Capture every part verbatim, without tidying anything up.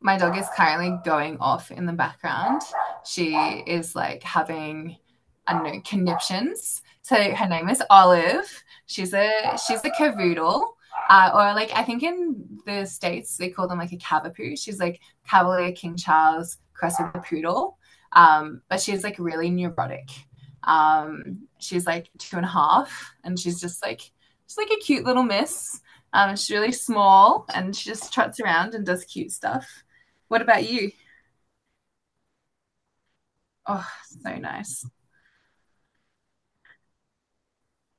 My dog is currently going off in the background. She is like having, I don't know, conniptions. So her name is Olive. She's a she's a cavoodle. Uh, or like I think in the states they call them like a cavapoo. She's like Cavalier King Charles crossed with a poodle. Um, but she's like really neurotic. Um, she's like two and a half, and she's just like she's like a cute little miss. Um, she's really small, and she just trots around and does cute stuff. What about you? Oh, so nice.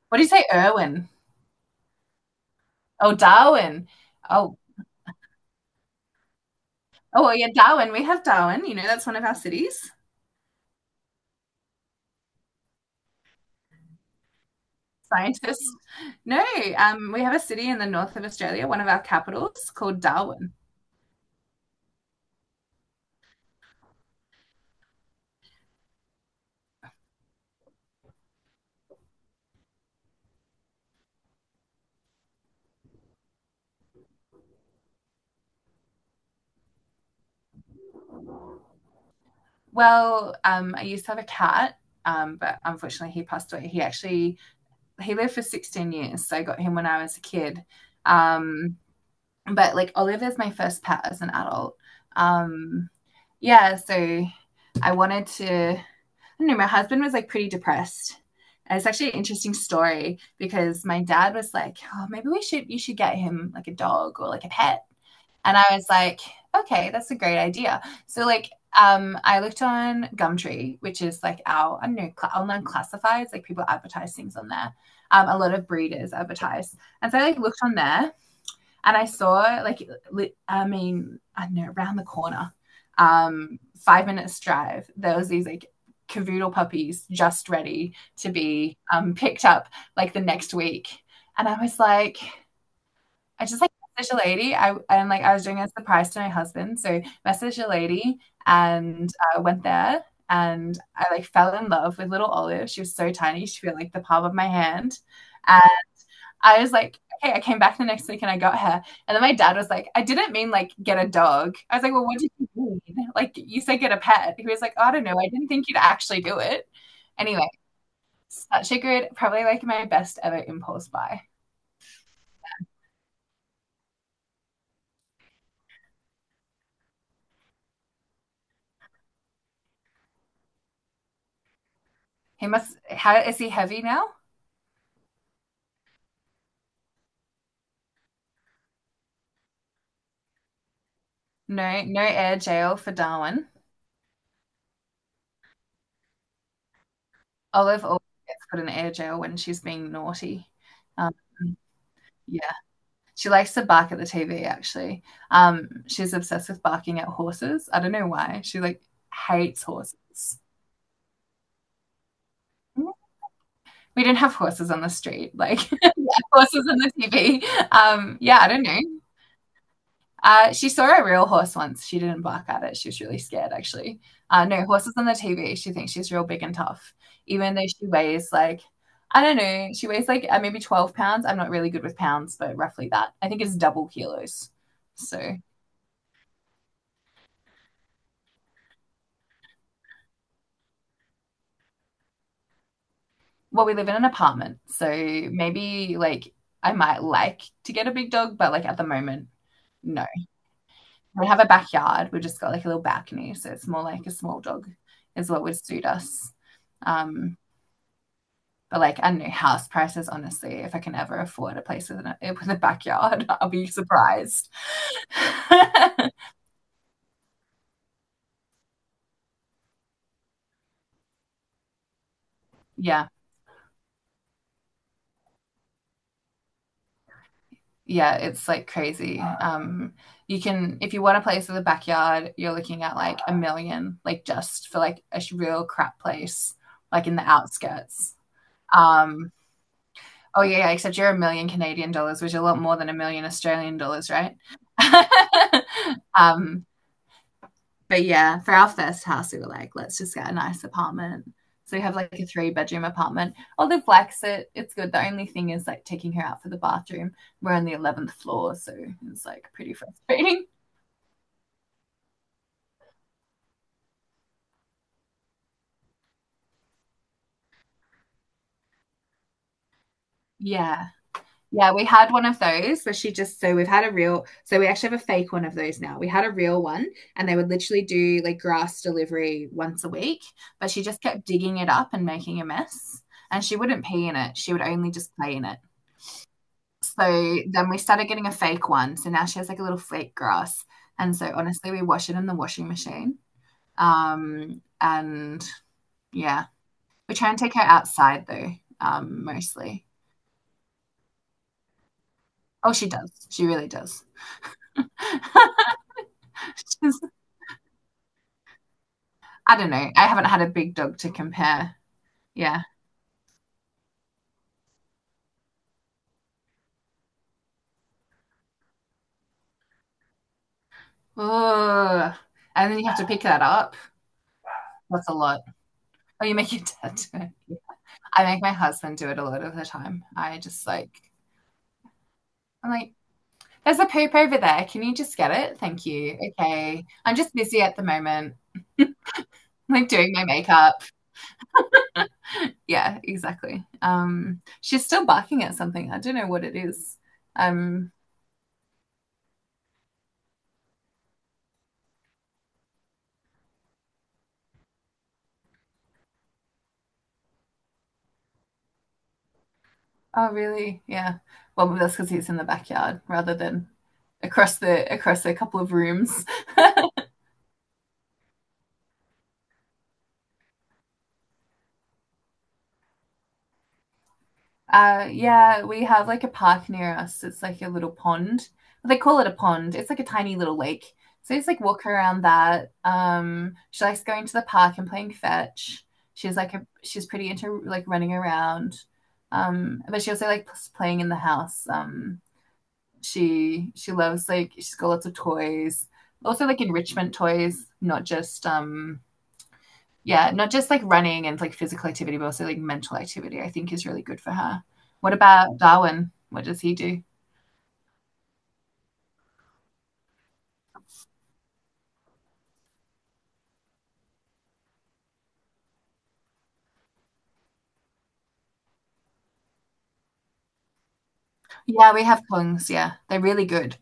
What do you say, Irwin? Oh, Darwin. Oh, oh well, yeah, Darwin. We have Darwin. You know, that's one of our cities. Scientists. No, um, we have a city in the north of Australia, one of our capitals, called Darwin. Well, um, I used to have a cat, um, but unfortunately he passed away. He actually he lived for sixteen years, so I got him when I was a kid. Um, but like Oliver's my first pet as an adult. Um, yeah, so I wanted to I don't know, my husband was like pretty depressed. And it's actually an interesting story because my dad was like, oh, maybe we should, you should get him like a dog or like a pet. And I was like, okay, that's a great idea. So like, um, I looked on Gumtree, which is like our, I don't know, cl- online classifieds, like people advertise things on there. Um, a lot of breeders advertise. And so I like looked on there and I saw, like, I mean, I don't know, around the corner, um, five minutes drive, there was these like cavoodle puppies just ready to be um, picked up like the next week. And I was like, I just like messaged a lady. I and like I was doing a surprise to my husband, so messaged a lady and uh, went there. And I like fell in love with little Olive. She was so tiny; she felt like the palm of my hand. I was like, okay, I came back the next week and I got her. And then my dad was like, I didn't mean like get a dog. I was like, well, what did you mean? Like you said get a pet. He was like, oh, I don't know. I didn't think you'd actually do it. Anyway, such a good, probably like my best ever impulse buy. He must, how is he heavy now? No, no air jail for Darwin. Olive always gets put in air jail when she's being naughty. Um, She likes to bark at the T V, actually. Um, she's obsessed with barking at horses. I don't know why. She like hates horses. We didn't have horses on the street, like yeah, horses on the T V. Um, yeah, I don't know. Uh, she saw a real horse once. She didn't bark at it. She was really scared, actually. Uh, no, horses on the T V. She thinks she's real big and tough, even though she weighs like, I don't know, she weighs like uh, maybe twelve pounds. I'm not really good with pounds, but roughly that. I think it's double kilos. So well, we live in an apartment, so maybe like I might like to get a big dog, but like at the moment, no. We have a backyard. We've just got like a little balcony, so it's more like a small dog is what would suit us. Um, but like I don't know, house prices, honestly, if I can ever afford a place with an with a backyard, I'll be surprised. Yeah. Yeah, it's like crazy. Um, you can if you want a place with a backyard, you're looking at like a million, like just for like a real crap place, like in the outskirts. Um, oh yeah, yeah, except you're a million Canadian dollars, which is a lot more than a million Australian dollars, right? um, but yeah, for our first house, we were like, let's just get a nice apartment. So we have like a three bedroom apartment. Although Black's it, it's good. The only thing is like taking her out for the bathroom. We're on the eleventh floor, so it's like pretty frustrating. Yeah. Yeah, we had one of those where she just so we've had a real so we actually have a fake one of those now. We had a real one and they would literally do like grass delivery once a week, but she just kept digging it up and making a mess. And she wouldn't pee in it. She would only just play in it. So then we started getting a fake one. So now she has like a little fake grass. And so honestly, we wash it in the washing machine. Um, and yeah, we try and take her outside though, um, mostly. Oh, she does. She really does. She's, I don't know. I haven't had a big dog to compare. Yeah. Ugh. And then you have to pick that up. That's a lot. Oh, you make your dad do it. I make my husband do it a lot of the time. I just like, I'm like, There's a poop over there. Can you just get it? Thank you. Okay. I'm just busy at the moment, like doing my makeup. Yeah, exactly. Um, she's still barking at something. I don't know what it is. Um, oh really? Yeah. Well, that's because he's in the backyard rather than across the across a couple of rooms. Uh, yeah, we have like a park near us. It's like a little pond. They call it a pond. It's like a tiny little lake. So I just like walk around that. Um, she likes going to the park and playing fetch. She's like a she's pretty into like running around. Um, but she also likes playing in the house. Um, she she loves like she's got lots of toys. Also like enrichment toys, not just um yeah, not just like running and like physical activity, but also like mental activity, I think is really good for her. What about Darwin? What does he do? Yeah, we have pungs. Yeah, they're really good.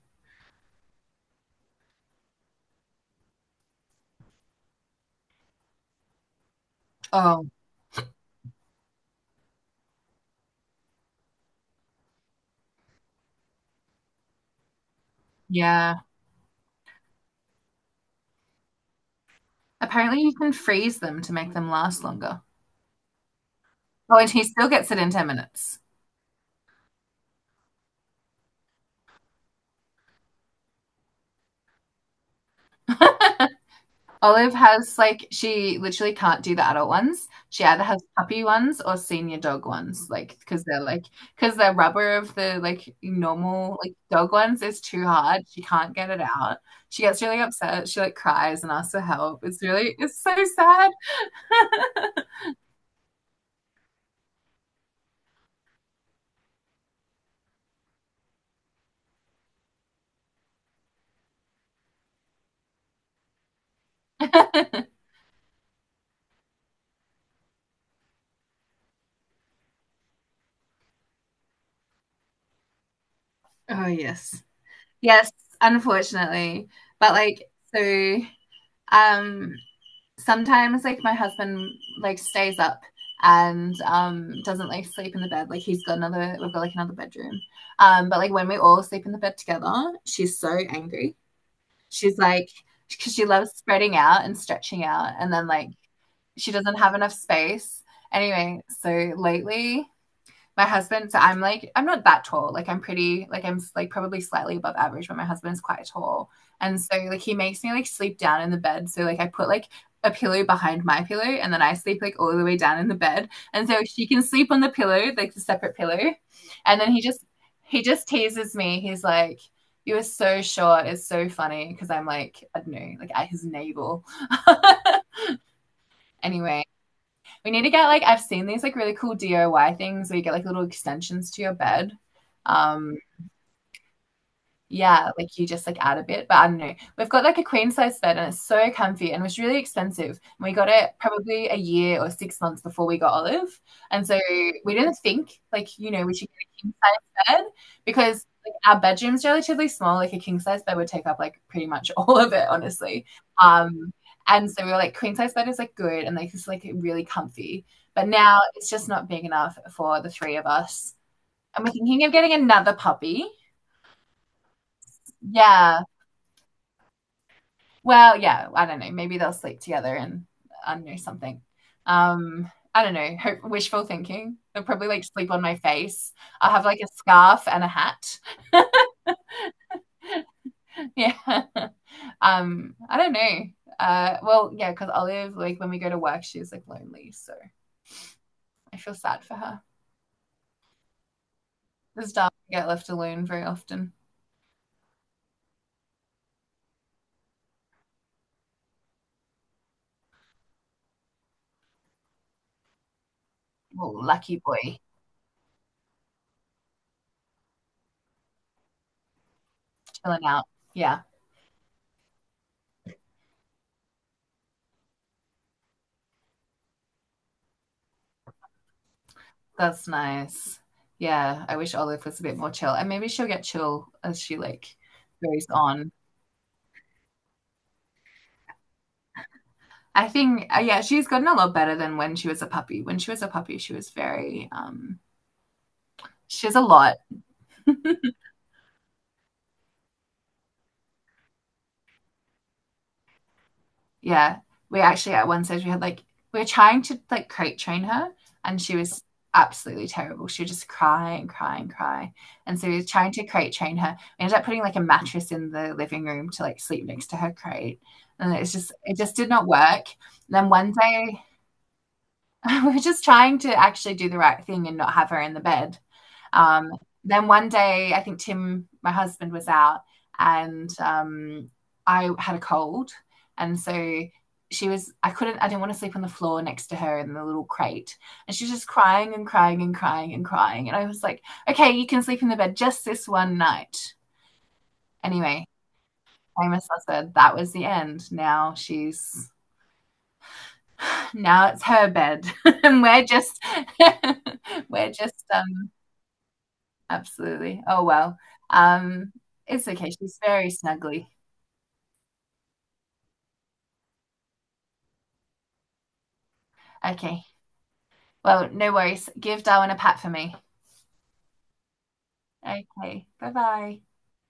Oh, yeah. Apparently, you can freeze them to make them last longer. Oh, and he still gets it in ten minutes. Olive has like she literally can't do the adult ones. She either has puppy ones or senior dog ones, like because they're like because the rubber of the like normal like dog ones is too hard. She can't get it out. She gets really upset. She like cries and asks for help. It's really it's so sad. Oh, yes. Yes, unfortunately. But like so um sometimes like my husband like stays up and um doesn't like sleep in the bed, like he's got another we've got like another bedroom, um but like when we all sleep in the bed together she's so angry, she's like, because she loves spreading out and stretching out, and then like she doesn't have enough space, anyway, so lately my husband, so I'm like, I'm not that tall, like I'm pretty like I'm like probably slightly above average, but my husband is quite tall, and so like he makes me like sleep down in the bed, so like I put like a pillow behind my pillow, and then I sleep like all the way down in the bed, and so she can sleep on the pillow, like the separate pillow, and then he just he just teases me, he's like, you are so short, it's so funny because I'm like, I don't know, like at his navel. Anyway, we need to get like, I've seen these like really cool D I Y things where you get like little extensions to your bed. Um, yeah, like you just like add a bit, but I don't know. We've got like a queen size bed and it's so comfy and it was really expensive. And we got it probably a year or six months before we got Olive. And so we didn't think like, you know, we should get a king size bed because like our bedroom's relatively small. Like a king size bed would take up like pretty much all of it, honestly. Um, and so we were like, queen size bed is like good and like it's like really comfy. But now it's just not big enough for the three of us. And we're thinking of getting another puppy. Yeah. Well, yeah, I don't know. Maybe they'll sleep together and I don't know something. Um, I don't know. Hope, wishful thinking. They'll probably like sleep on my face. I'll have like a scarf and a hat. Yeah. Um, I don't know. Uh, well, yeah, because Olive, like when we go to work, she's like lonely, so I feel sad for her. This dog get left alone very often. Well, lucky boy, chilling out. Yeah, that's nice. Yeah, I wish Olive was a bit more chill, and maybe she'll get chill as she like goes on I think, uh, yeah, she's gotten a lot better than when she was a puppy. When she was a puppy, she was very, um, she has a lot. Yeah. We actually, at one stage, we had like, we were trying to like crate train her, and she was absolutely terrible. She would just cry and cry and cry. And so we were trying to crate train her. We ended up putting like a mattress in the living room to like sleep next to her crate. And it's just, it just did not work. And then one day, we were just trying to actually do the right thing and not have her in the bed. Um, then one day, I think Tim, my husband, was out and um, I had a cold. And so she was, I couldn't, I didn't want to sleep on the floor next to her in the little crate. And she was just crying and crying and crying and crying. And I was like, okay, you can sleep in the bed just this one night. Anyway, famous I said that was the end. Now she's now it's her bed and we're just we're just um absolutely oh well um it's okay, she's very snuggly. Okay, well no worries, give Darwin a pat for me. Okay, bye bye.